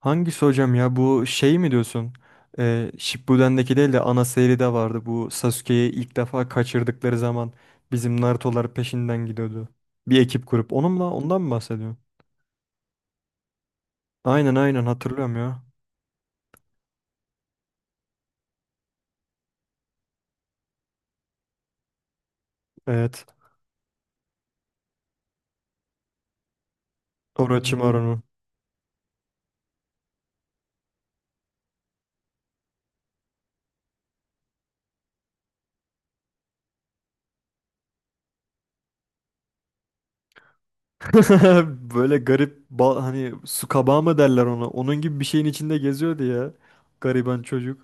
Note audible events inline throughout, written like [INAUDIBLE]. Hangisi hocam ya? Bu şey mi diyorsun? Shippuden'deki değil de ana seride vardı. Bu Sasuke'yi ilk defa kaçırdıkları zaman bizim Naruto'lar peşinden gidiyordu. Bir ekip kurup onunla. Ondan mı bahsediyorsun? Aynen aynen hatırlıyorum ya. Evet. Orochimaru'nun. [LAUGHS] Böyle garip hani su kabağı mı derler ona? Onun gibi bir şeyin içinde geziyordu ya. Gariban çocuk.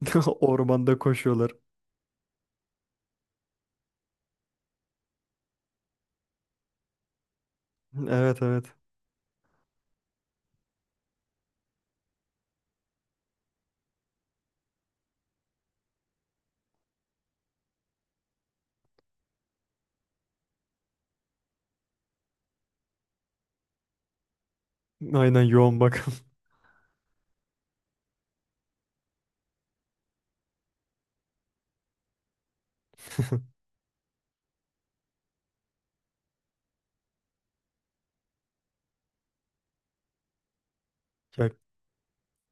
[LAUGHS] Ormanda koşuyorlar. Evet evet. Aynen yoğun bakım. [LAUGHS] Ya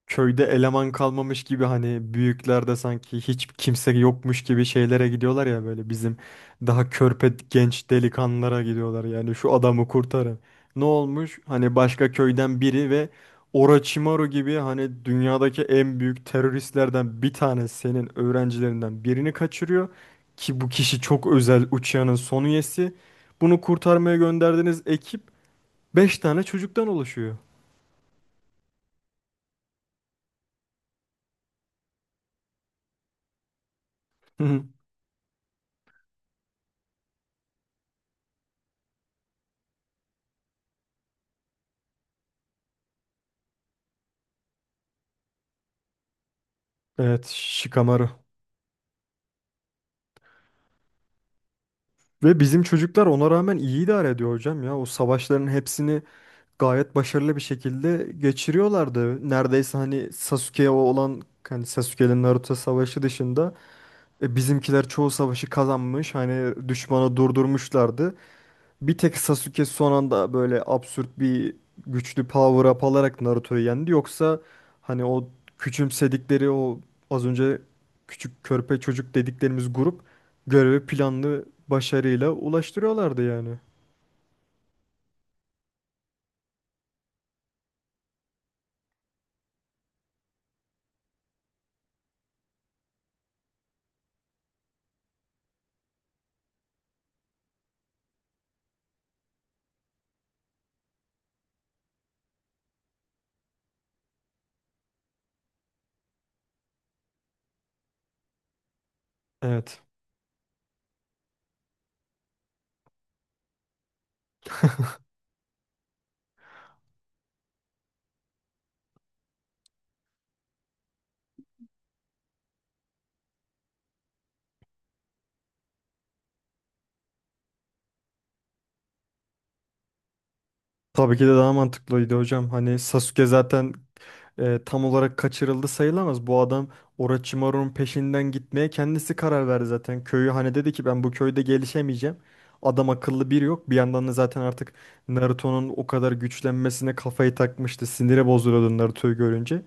köyde eleman kalmamış gibi hani büyüklerde sanki hiç kimse yokmuş gibi şeylere gidiyorlar ya böyle bizim daha körpe genç delikanlılara gidiyorlar yani şu adamı kurtarın. Ne olmuş? Hani başka köyden biri ve Orochimaru gibi hani dünyadaki en büyük teröristlerden bir tane senin öğrencilerinden birini kaçırıyor ki bu kişi çok özel uçağının son üyesi. Bunu kurtarmaya gönderdiğiniz ekip 5 tane çocuktan oluşuyor. [LAUGHS] Evet, Shikamaru. Ve bizim çocuklar ona rağmen iyi idare ediyor hocam ya. O savaşların hepsini gayet başarılı bir şekilde geçiriyorlardı. Neredeyse hani Sasuke'ye olan hani Sasuke'nin Naruto savaşı dışında bizimkiler çoğu savaşı kazanmış. Hani düşmanı durdurmuşlardı. Bir tek Sasuke son anda böyle absürt bir güçlü power up alarak Naruto'yu yendi. Yoksa hani o küçümsedikleri o az önce küçük körpe çocuk dediklerimiz grup görevi planlı başarıyla ulaştırıyorlardı yani. Evet. Tabii ki de daha mantıklıydı hocam. Hani Sasuke zaten tam olarak kaçırıldı sayılamaz. Bu adam Orochimaru'nun peşinden gitmeye kendisi karar verdi zaten. Köyü hani dedi ki ben bu köyde gelişemeyeceğim. Adam akıllı biri yok. Bir yandan da zaten artık Naruto'nun o kadar güçlenmesine kafayı takmıştı. Sinire bozuluyordu Naruto'yu görünce.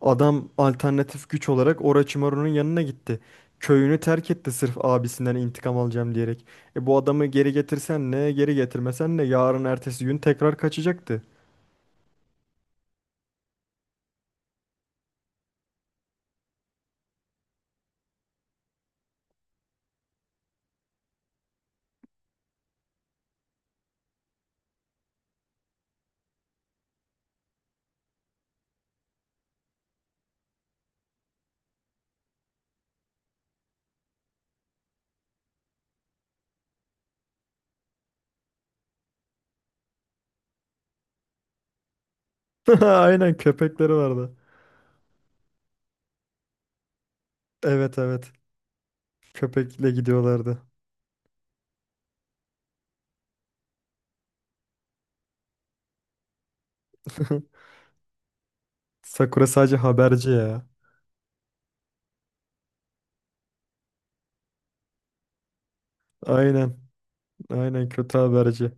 Adam alternatif güç olarak Orochimaru'nun yanına gitti. Köyünü terk etti sırf abisinden intikam alacağım diyerek. E bu adamı geri getirsen ne, geri getirmesen ne, yarın ertesi gün tekrar kaçacaktı. [LAUGHS] Aynen köpekleri vardı. Evet evet. Köpekle gidiyorlardı. [LAUGHS] Sakura sadece haberci ya. Aynen. Aynen kötü haberci.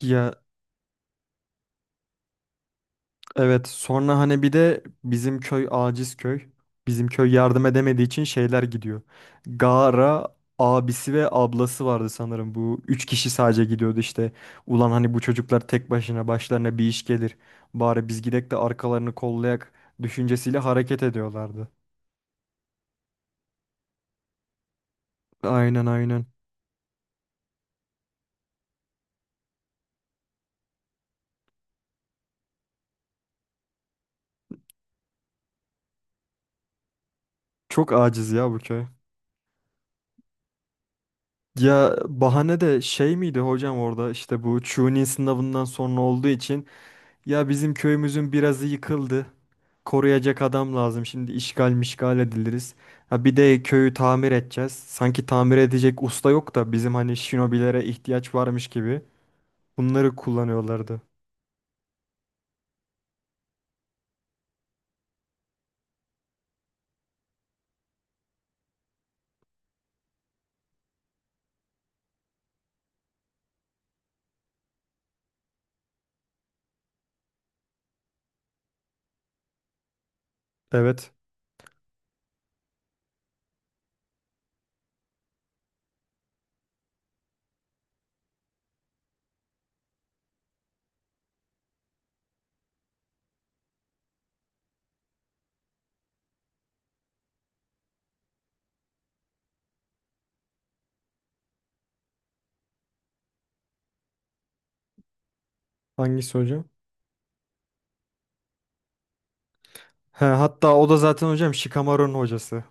Ya evet, sonra hani bir de bizim köy aciz köy. Bizim köy yardım edemediği için şeyler gidiyor. Gaara abisi ve ablası vardı sanırım. Bu üç kişi sadece gidiyordu işte. Ulan hani bu çocuklar tek başına başlarına bir iş gelir. Bari biz gidek de arkalarını kollayak düşüncesiyle hareket ediyorlardı. Aynen aynen. Çok aciz ya bu köy. Ya bahane de şey miydi hocam orada işte bu Chunin sınavından sonra olduğu için ya bizim köyümüzün birazı yıkıldı. Koruyacak adam lazım. Şimdi işgal mişgal ediliriz. Ha bir de köyü tamir edeceğiz. Sanki tamir edecek usta yok da bizim hani shinobilere ihtiyaç varmış gibi. Bunları kullanıyorlardı. Evet. Hangisi hocam? He, hatta o da zaten hocam Shikamaru'nun hocası.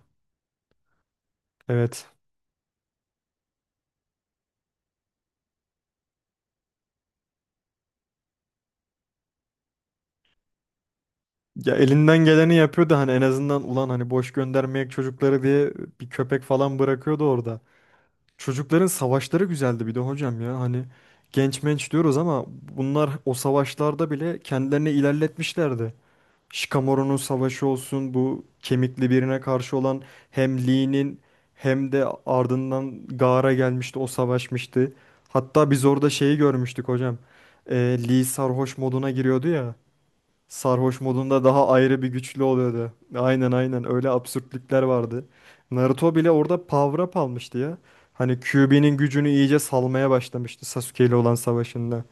Evet. Ya elinden geleni yapıyordu hani en azından ulan hani boş göndermeyek çocukları diye bir köpek falan bırakıyordu orada. Çocukların savaşları güzeldi bir de hocam ya. Hani genç menç diyoruz ama bunlar o savaşlarda bile kendilerini ilerletmişlerdi. Shikamaru'nun savaşı olsun bu kemikli birine karşı olan hem Lee'nin hem de ardından Gaara gelmişti, o savaşmıştı. Hatta biz orada şeyi görmüştük hocam. Ee, Lee sarhoş moduna giriyordu ya. Sarhoş modunda daha ayrı bir güçlü oluyordu. Aynen aynen öyle absürtlükler vardı. Naruto bile orada power up almıştı ya. Hani Kyuubi'nin gücünü iyice salmaya başlamıştı Sasuke ile olan savaşında.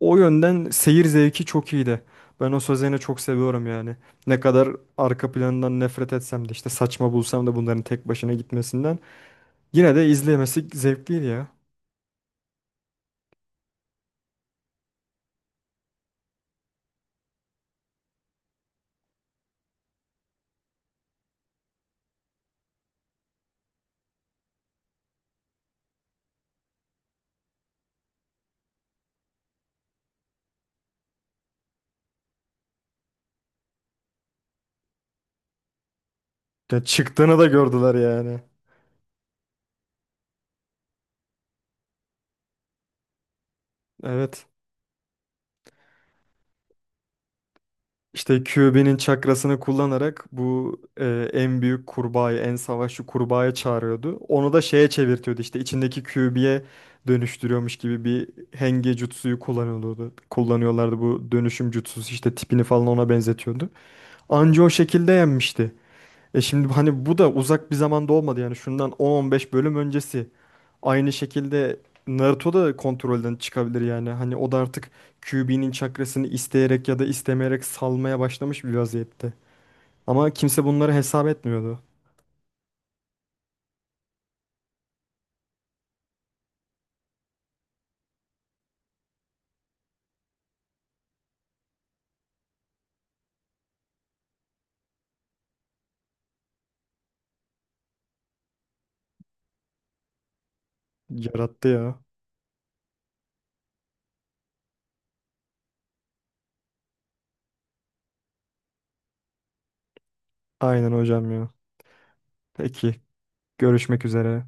O yönden seyir zevki çok iyiydi. Ben o Sözen'i çok seviyorum yani. Ne kadar arka planından nefret etsem de işte saçma bulsam da bunların tek başına gitmesinden. Yine de izlemesi zevkliydi ya. Ya çıktığını da gördüler yani. Evet. İşte QB'nin çakrasını kullanarak bu en büyük kurbağayı, en savaşçı kurbağayı çağırıyordu. Onu da şeye çevirtiyordu işte içindeki QB'ye dönüştürüyormuş gibi bir henge jutsuyu kullanıyordu. Kullanıyorlardı bu dönüşüm jutsusu işte tipini falan ona benzetiyordu. Anca o şekilde yenmişti. E şimdi hani bu da uzak bir zamanda olmadı yani şundan 10-15 bölüm öncesi. Aynı şekilde Naruto da kontrolden çıkabilir yani. Hani o da artık Kyuubi'nin çakrasını isteyerek ya da istemeyerek salmaya başlamış bir vaziyette. Ama kimse bunları hesap etmiyordu. Yarattı ya. Aynen hocam ya. Peki, görüşmek üzere.